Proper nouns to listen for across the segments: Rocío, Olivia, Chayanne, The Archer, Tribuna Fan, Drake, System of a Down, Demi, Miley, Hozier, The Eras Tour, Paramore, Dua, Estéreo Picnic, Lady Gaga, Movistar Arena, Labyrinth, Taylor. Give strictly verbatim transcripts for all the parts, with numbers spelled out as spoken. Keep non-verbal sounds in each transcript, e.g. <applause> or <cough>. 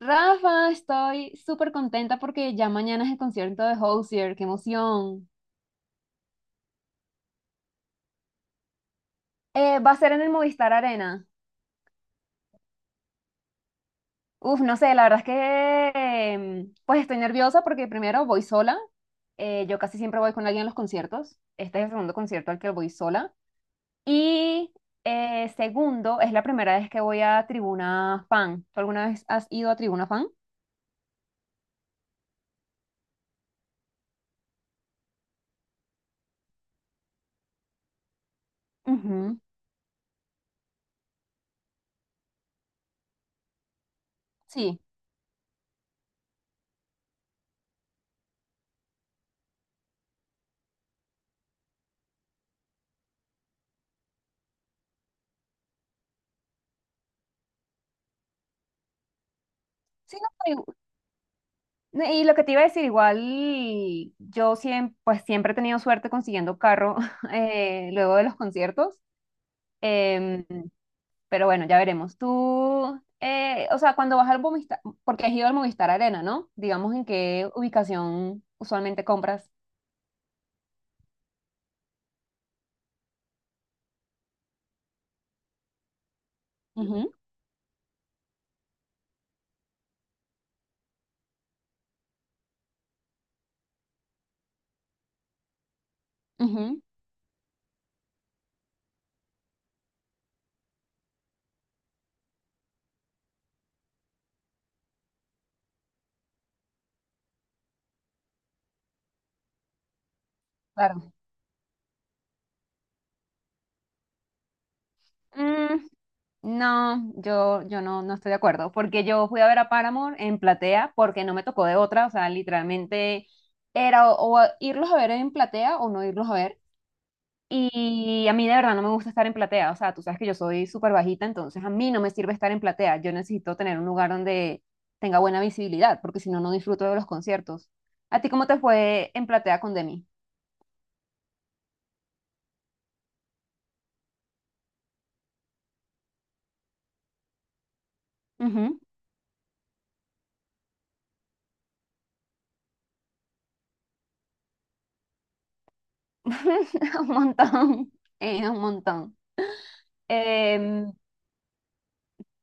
Rafa, estoy súper contenta porque ya mañana es el concierto de Hozier, qué emoción. Eh, va a ser en el Movistar Arena. Uf, no sé, la verdad es que em, pues estoy nerviosa porque primero voy sola. Eh, yo casi siempre voy con alguien a los conciertos. Este es el segundo concierto al que voy sola. Y eh, Segundo, es la primera vez que voy a Tribuna Fan. ¿Tú alguna vez has ido a Tribuna Fan? Ujú. Sí. Sí, no, no, y lo que te iba a decir, igual yo siempre, pues siempre he tenido suerte consiguiendo carro <laughs> eh, luego de los conciertos. em, pero bueno, ya veremos. Tú, eh, o sea, cuando vas al Movistar, porque has ido al Movistar Arena, ¿no? Digamos, en qué ubicación usualmente compras. Ujú. Ujú, claro. Mm, no, yo, yo no, no estoy de acuerdo, porque yo fui a ver a Paramore en platea porque no me tocó de otra, o sea, literalmente era o o irlos a ver en platea o no irlos a ver. Y a mí de verdad no me gusta estar en platea, o sea, tú sabes que yo soy súper bajita, entonces a mí no me sirve estar en platea, yo necesito tener un lugar donde tenga buena visibilidad, porque si no, no disfruto de los conciertos. ¿A ti cómo te fue en platea con Demi? Ujú. <laughs> Un montón, eh, un montón. Em,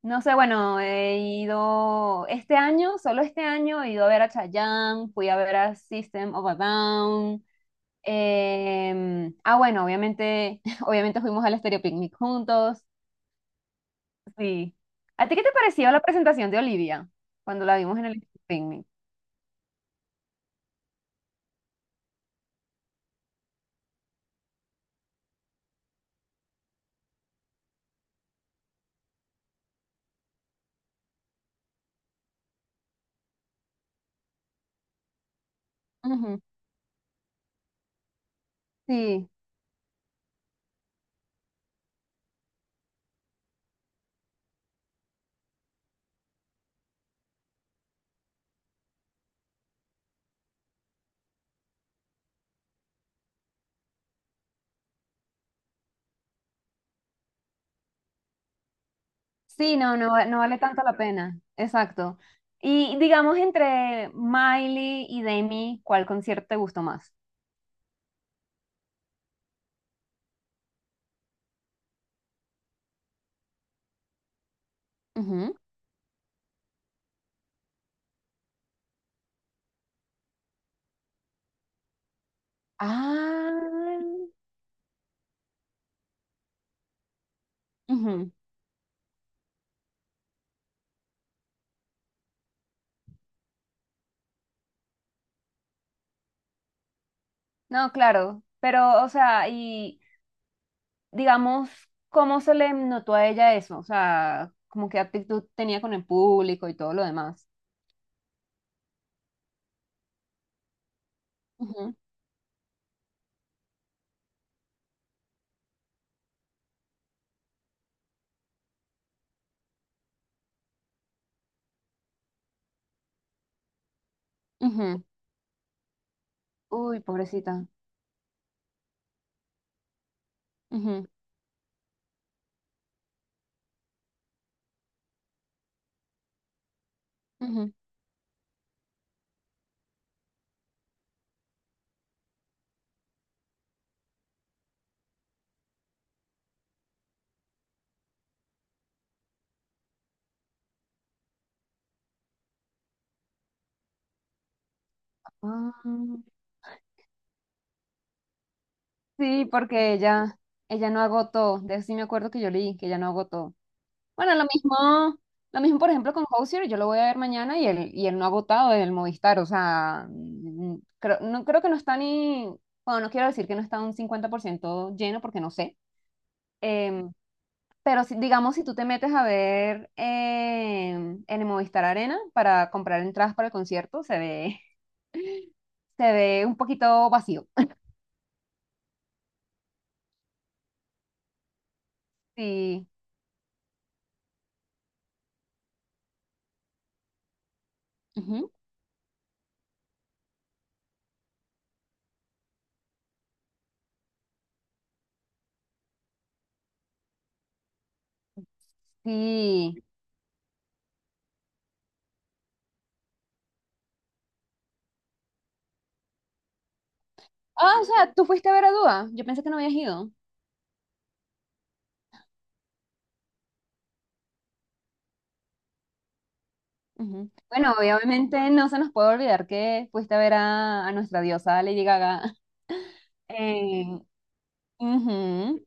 no sé, bueno, he ido este año, solo este año, he ido a ver a Chayanne, fui a ver a System of a Down. Em, ah, bueno, obviamente, <laughs> obviamente fuimos al Estéreo Picnic juntos. Sí. ¿A ti qué te pareció la presentación de Olivia cuando la vimos en el Estéreo Picnic? Ujú. Sí, sí, no, no, va- no vale tanto la pena. Exacto. Y digamos, entre Miley y Demi, ¿cuál concierto te gustó más? Ujú. Ah, ujú. No, claro. Pero, o sea, y digamos, ¿cómo se le notó a ella eso? O sea, ¿como qué actitud tenía con el público y todo lo demás? Ujú, ujú. Uy, pobrecita. Ujú, ujú. Ah, sí, porque ella, ella no agotó. De eso sí me acuerdo, que yo leí, que ella no agotó. Bueno, lo mismo, lo mismo, por ejemplo, con Hozier, yo lo voy a ver mañana y él, y él no ha agotado en el Movistar. O sea, mm, creo, no, creo que no está ni, bueno, no quiero decir que no está un cincuenta por ciento lleno porque no sé. em, Pero si, digamos, si tú te metes a ver eh, en el Movistar Arena para comprar entradas para el concierto, se ve, <laughs> se ve un poquito vacío. Sí. Ujú. Sí. Ah, o sea, tú fuiste a ver a Dua. Yo pensé que no habías ido. Ujú. Bueno, obviamente no se nos puede olvidar que fuiste a ver a, a nuestra diosa Lady Gaga. <laughs> Eh, ujú,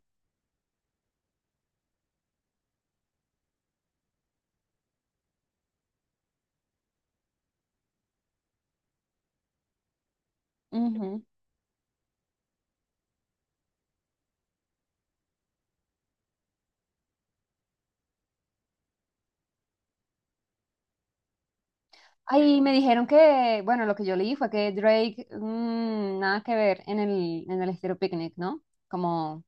ujú. Ay, me dijeron que, bueno, lo que yo leí fue que Drake, mm, nada que ver en el, en el Estéreo Picnic, ¿no? Como,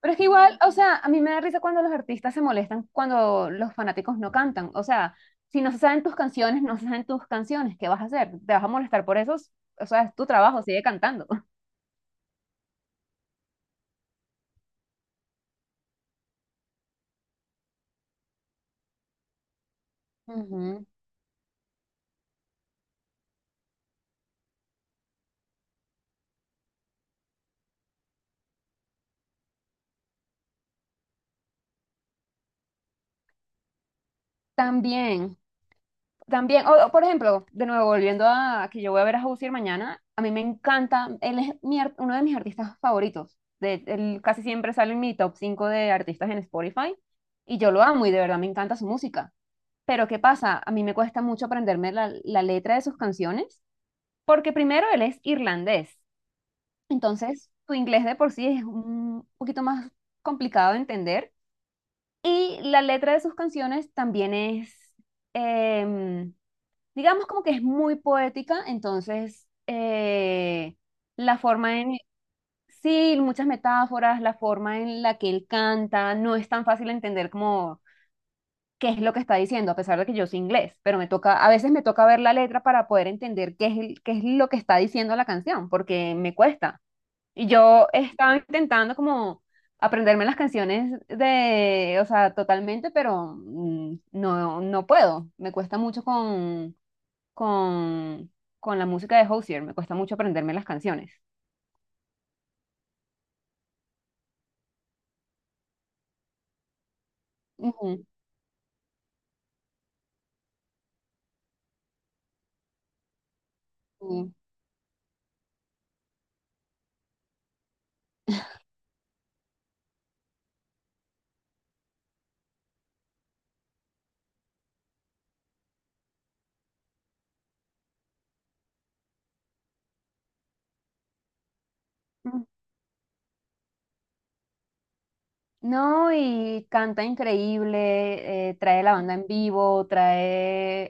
pero es que igual, o sea, a mí me da risa cuando los artistas se molestan cuando los fanáticos no cantan. O sea, si no se saben tus canciones, no se saben tus canciones, ¿qué vas a hacer? ¿Te vas a molestar por eso? O sea, es tu trabajo, sigue cantando. <laughs> Ujú. También, también, o, o, por ejemplo, de nuevo, volviendo a que yo voy a ver a Hozier mañana, a mí me encanta, él es mi ar- uno de mis artistas favoritos. De, él casi siempre sale en mi top cinco de artistas en Spotify y yo lo amo y de verdad me encanta su música. Pero ¿qué pasa? A mí me cuesta mucho aprenderme la, la letra de sus canciones, porque primero él es irlandés, entonces su inglés de por sí es un poquito más complicado de entender y la letra de sus canciones también es, em, digamos, como que es muy poética, entonces eh, la forma en, sí, muchas metáforas, la forma en la que él canta no es tan fácil de entender como qué es lo que está diciendo, a pesar de que yo soy inglés, pero me toca, a veces me toca ver la letra para poder entender qué es, el- qué es lo que está diciendo la canción, porque me cuesta. Y yo estaba intentando como aprenderme las canciones de, o sea, totalmente, pero mm, no, no puedo. Me cuesta mucho con, con, con la música de Hozier, me cuesta mucho aprenderme las canciones. Ujú, sí. No, y canta increíble, eh, trae la banda en vivo, trae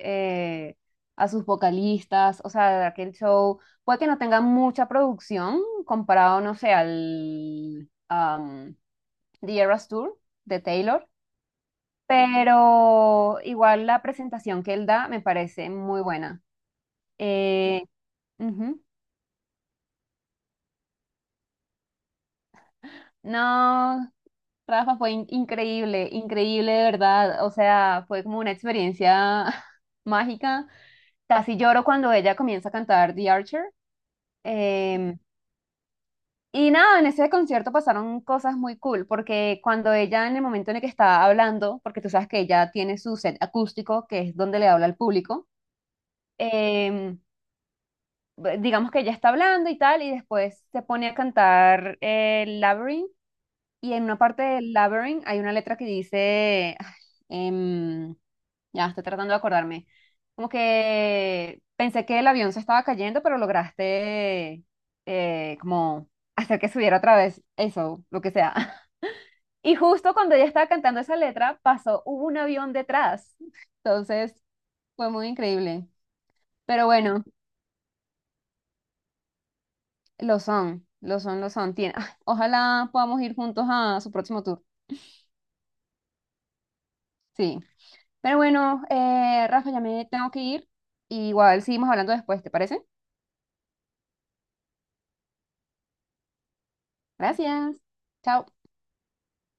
eh, a sus vocalistas, o sea, aquel show puede que no tenga mucha producción comparado, no sé, al am, The Eras Tour de Taylor, pero igual la presentación que él da me parece muy buena. Eh, ujú. No, Rafa, fue in- increíble, increíble de verdad, o sea, fue como una experiencia <laughs> mágica. Casi lloro cuando ella comienza a cantar The Archer. Em, y nada, en ese concierto pasaron cosas muy cool, porque cuando ella, en el momento en el que está hablando, porque tú sabes que ella tiene su set acústico, que es donde le habla al público, em, b- digamos que ella está hablando y tal, y después se pone a cantar eh, Labyrinth, y en una parte del Labyrinth hay una letra que dice... Ya estoy tratando de acordarme. Como que pensé que el avión se estaba cayendo, pero lograste eh, como hacer que subiera otra vez, eso, lo que sea. <laughs> Y justo cuando ella estaba cantando esa letra, pasó, hubo un avión detrás. Entonces, fue muy increíble. Pero bueno, lo son, lo son, lo son. Tien- ah, ojalá podamos ir juntos a su próximo tour. Sí. Pero bueno, eh, Rafa, ya me tengo que ir. Igual seguimos hablando después, ¿te parece? Gracias. Chao.